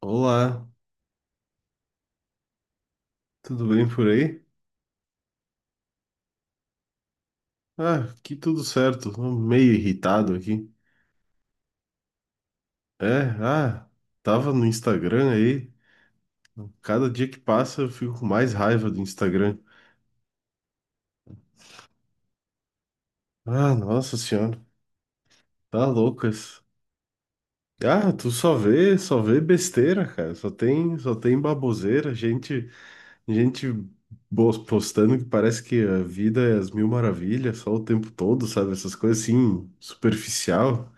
Olá, tudo bem por aí? Ah, aqui tudo certo, tô meio irritado aqui. É, tava no Instagram aí, cada dia que passa eu fico com mais raiva do Instagram. Ah, nossa senhora, tá loucas. Ah, tu só vê besteira, cara, só tem baboseira, gente postando que parece que a vida é as mil maravilhas só o tempo todo, sabe? Essas coisas assim, superficial.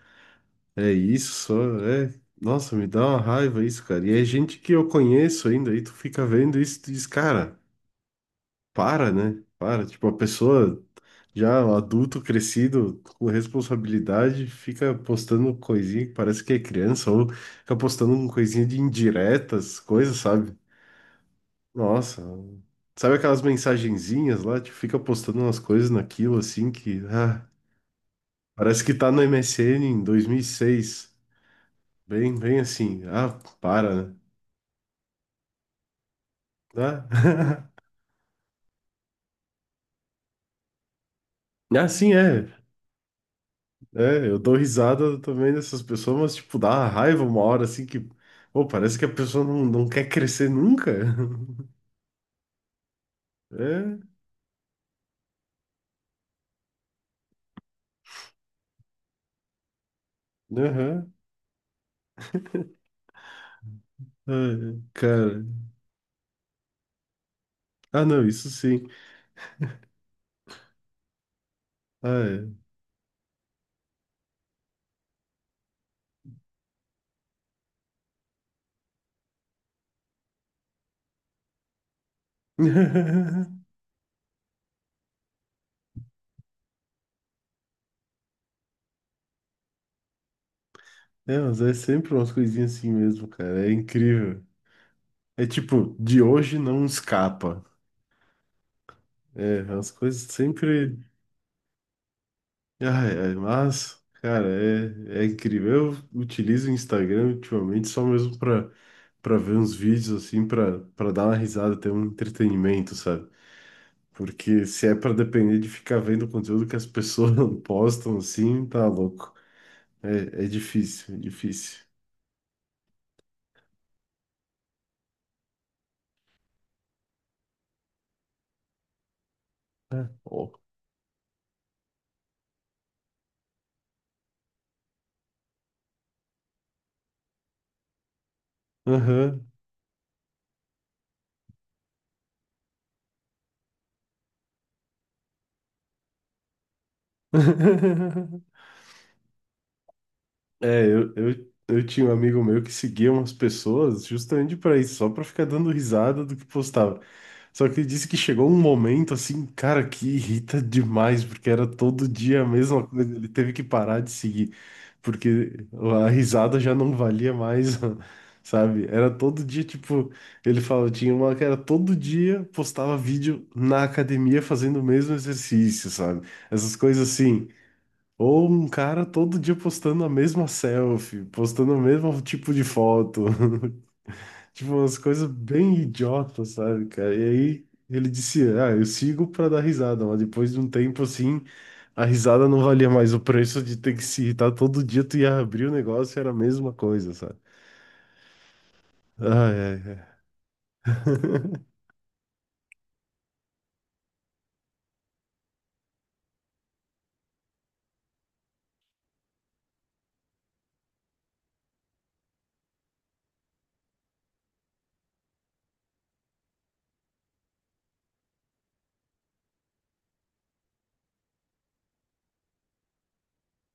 É isso, só, é. Nossa, me dá uma raiva isso, cara. E é gente que eu conheço ainda, aí tu fica vendo isso e tu diz, cara, para, né? Para. Tipo, a pessoa já um adulto, crescido, com responsabilidade, fica postando coisinha que parece que é criança, ou fica postando uma coisinha de indiretas, coisas, sabe? Nossa. Sabe aquelas mensagenzinhas lá? Tipo, fica postando umas coisas naquilo, assim, que parece que tá no MSN em 2006. Bem, bem assim. Ah, para, né? Ah, ah, sim, é. É, eu dou risada também dessas pessoas, mas, tipo, dá uma raiva uma hora, assim, Pô, parece que a pessoa não quer crescer nunca. É, aham. Ai, cara. Ah, não, isso sim. Ah, é. É, mas é sempre umas coisinhas assim mesmo, cara. É incrível. É tipo, de hoje não escapa. É, as coisas sempre. Ai, ai, mas, cara, é incrível. Eu utilizo o Instagram ultimamente só mesmo pra ver uns vídeos, assim, pra dar uma risada, ter um entretenimento, sabe? Porque se é pra depender de ficar vendo o conteúdo que as pessoas não postam, assim, tá louco. É difícil, é difícil. Ó. Aham. É, eu tinha um amigo meu que seguia umas pessoas justamente pra isso, só pra ficar dando risada do que postava. Só que ele disse que chegou um momento assim, cara, que irrita demais, porque era todo dia a mesma coisa. Ele teve que parar de seguir, porque a risada já não valia mais, sabe? Era todo dia, tipo, ele falou, tinha uma que era todo dia postava vídeo na academia fazendo o mesmo exercício, sabe? Essas coisas assim. Ou um cara todo dia postando a mesma selfie, postando o mesmo tipo de foto. Tipo, umas coisas bem idiotas, sabe, cara? E aí ele disse, ah, eu sigo pra dar risada, mas depois de um tempo assim, a risada não valia mais o preço de ter que se irritar todo dia, tu ia abrir o negócio e era a mesma coisa, sabe? Ai, ai, ai.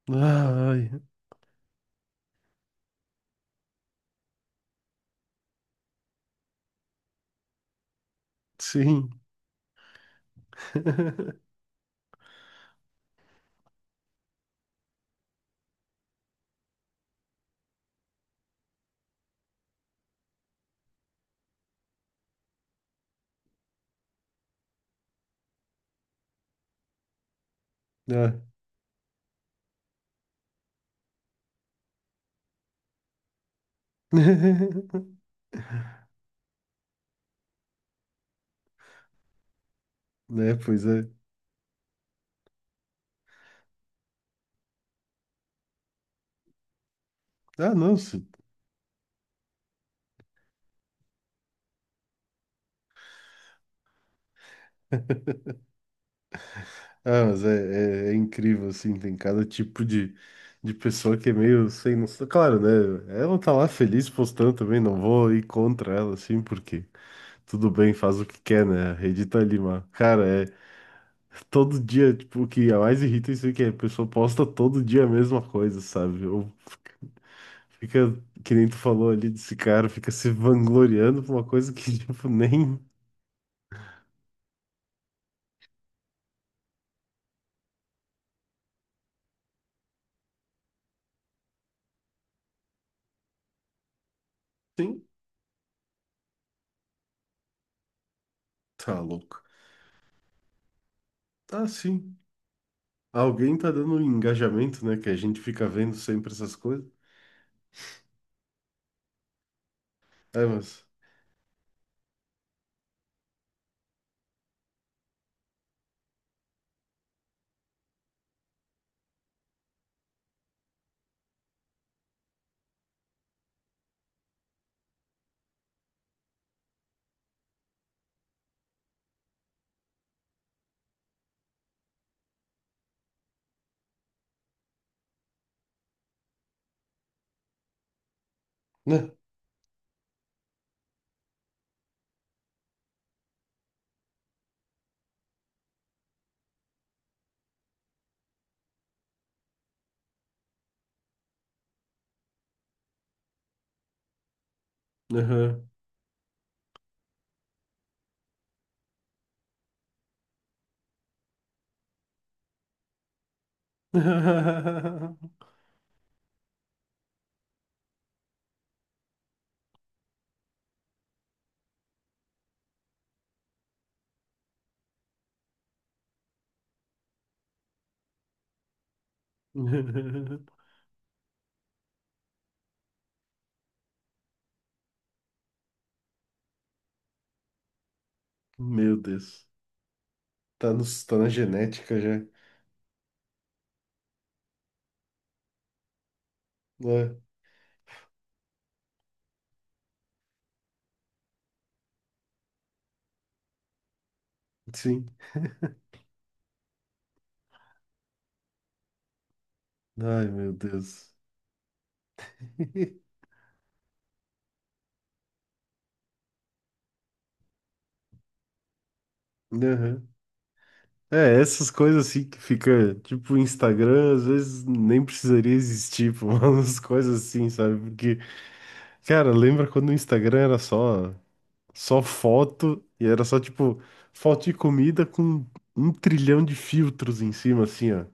Ai, sim. Ah. Né, pois é. Ah, não. Ah, mas é incrível, assim, tem cada tipo de pessoa que é meio sem noção. Claro, né? Ela tá lá feliz postando também, não vou ir contra ela, assim, porque tudo bem, faz o que quer, né? A rede tá ali, mas, cara, é todo dia, tipo, o que a mais irrita é isso aí, que a pessoa posta todo dia a mesma coisa, sabe? Ou fica, que nem tu falou ali desse cara, fica se vangloriando por uma coisa que, tipo, nem. Sim, tá louco. Ah, sim. Alguém tá dando um engajamento, né? Que a gente fica vendo sempre essas coisas. É, mas. Né? Aham. Meu Deus. Tá, nos, tá na genética já. Né? Sim. Ai, meu Deus. Aham. É, essas coisas assim que fica, tipo, o Instagram, às vezes nem precisaria existir, pô, umas coisas assim, sabe? Porque, cara, lembra quando o Instagram era só. Só foto, e era, só tipo foto de comida com um trilhão de filtros em cima, assim, ó.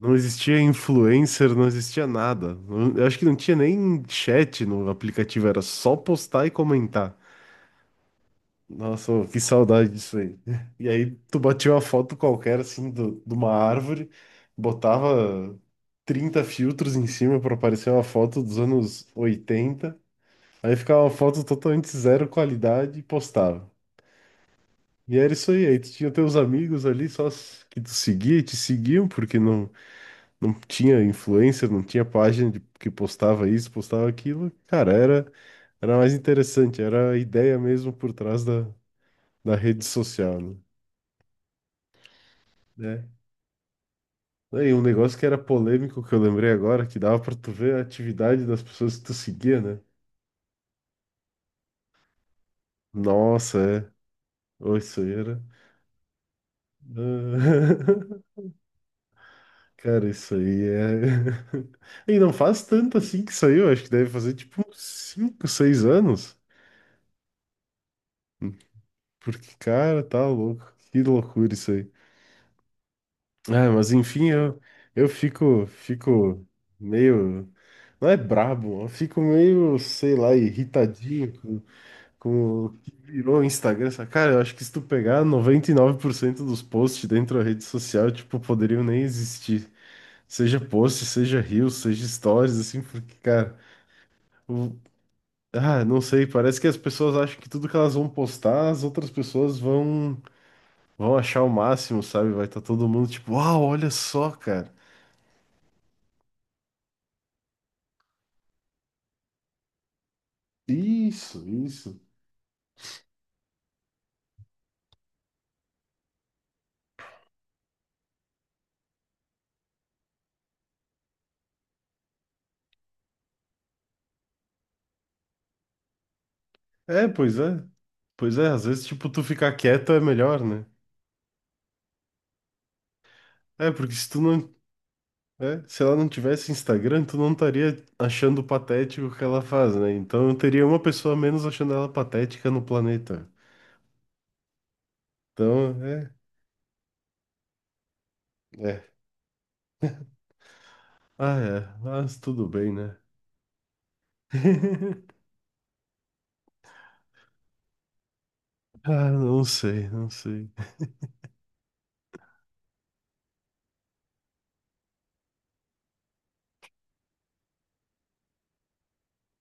Não existia influencer, não existia nada. Eu acho que não tinha nem chat no aplicativo, era só postar e comentar. Nossa, ô, que saudade disso aí. E aí tu batia uma foto qualquer, assim, do, de uma árvore, botava 30 filtros em cima pra aparecer uma foto dos anos oitenta, aí ficava uma foto totalmente zero qualidade e postava. E era isso aí, aí tu tinha teus amigos ali só s- que tu seguia e te seguiam, porque não, não tinha influencer, não tinha página de- que postava isso, postava aquilo. Cara, era, era mais interessante, era a ideia mesmo por trás da rede social, né? Né? Aí um negócio que era polêmico que eu lembrei agora, que dava pra tu ver a atividade das pessoas que tu seguia, né? Nossa, é. Ô, isso aí era. Cara, isso aí é. E não faz tanto assim que saiu, acho que deve fazer tipo uns 5, 6 anos. Porque, cara, tá louco. Que loucura isso aí. Ah, mas enfim, eu fico, fico meio. Não é brabo, eu fico meio, sei lá, irritadinho com o que virou o Instagram. Sabe? Cara, eu acho que se tu pegar 99% dos posts dentro da rede social, tipo, poderiam nem existir. Seja post, seja reels, seja stories, assim, porque, cara. o, Ah, não sei, parece que as pessoas acham que tudo que elas vão postar, as outras pessoas vão achar o máximo, sabe? Vai estar todo mundo tipo, uau, olha só, cara. Isso, isso. É, pois é. Pois é, às vezes tipo tu ficar quieto é melhor, né? É, porque se tu não, é, se ela não tivesse Instagram, tu não estaria achando patético o que ela faz, né? Então eu teria uma pessoa a menos achando ela patética no planeta. Então, é, é. Ah, é, mas tudo bem, né? Ah, não sei, não sei.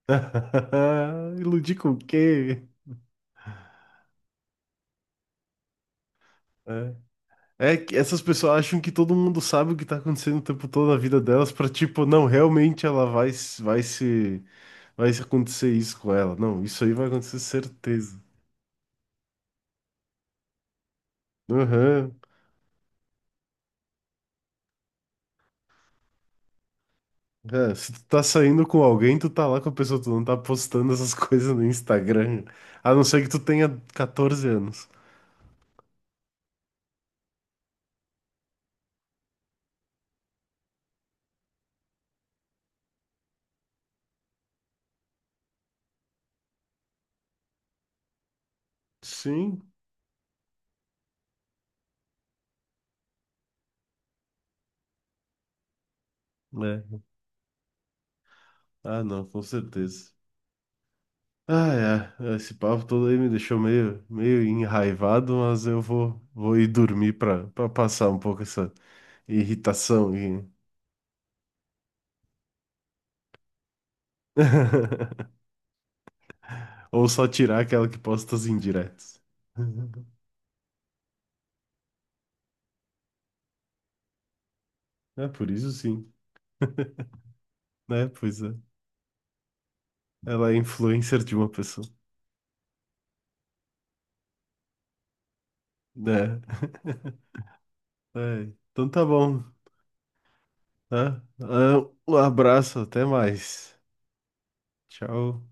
Iludir com o quê? É. É que essas pessoas acham que todo mundo sabe o que tá acontecendo o tempo todo na vida delas pra tipo, não, realmente ela vai se acontecer isso com ela. Não, isso aí vai acontecer certeza. Aham. É, se tu tá saindo com alguém, tu tá lá com a pessoa, tu não tá postando essas coisas no Instagram. A não ser que tu tenha 14 anos. Sim, né? Ah, não, com certeza. Ah, é. Esse papo todo aí me deixou meio, meio enraivado, mas eu vou ir dormir pra passar um pouco essa irritação. Ou só tirar aquela que posta as indiretas. É, por isso sim, né? Pois é. Ela é influencer de uma pessoa, né? É. Então tá bom, tá? Ah, um abraço, até mais. Tchau.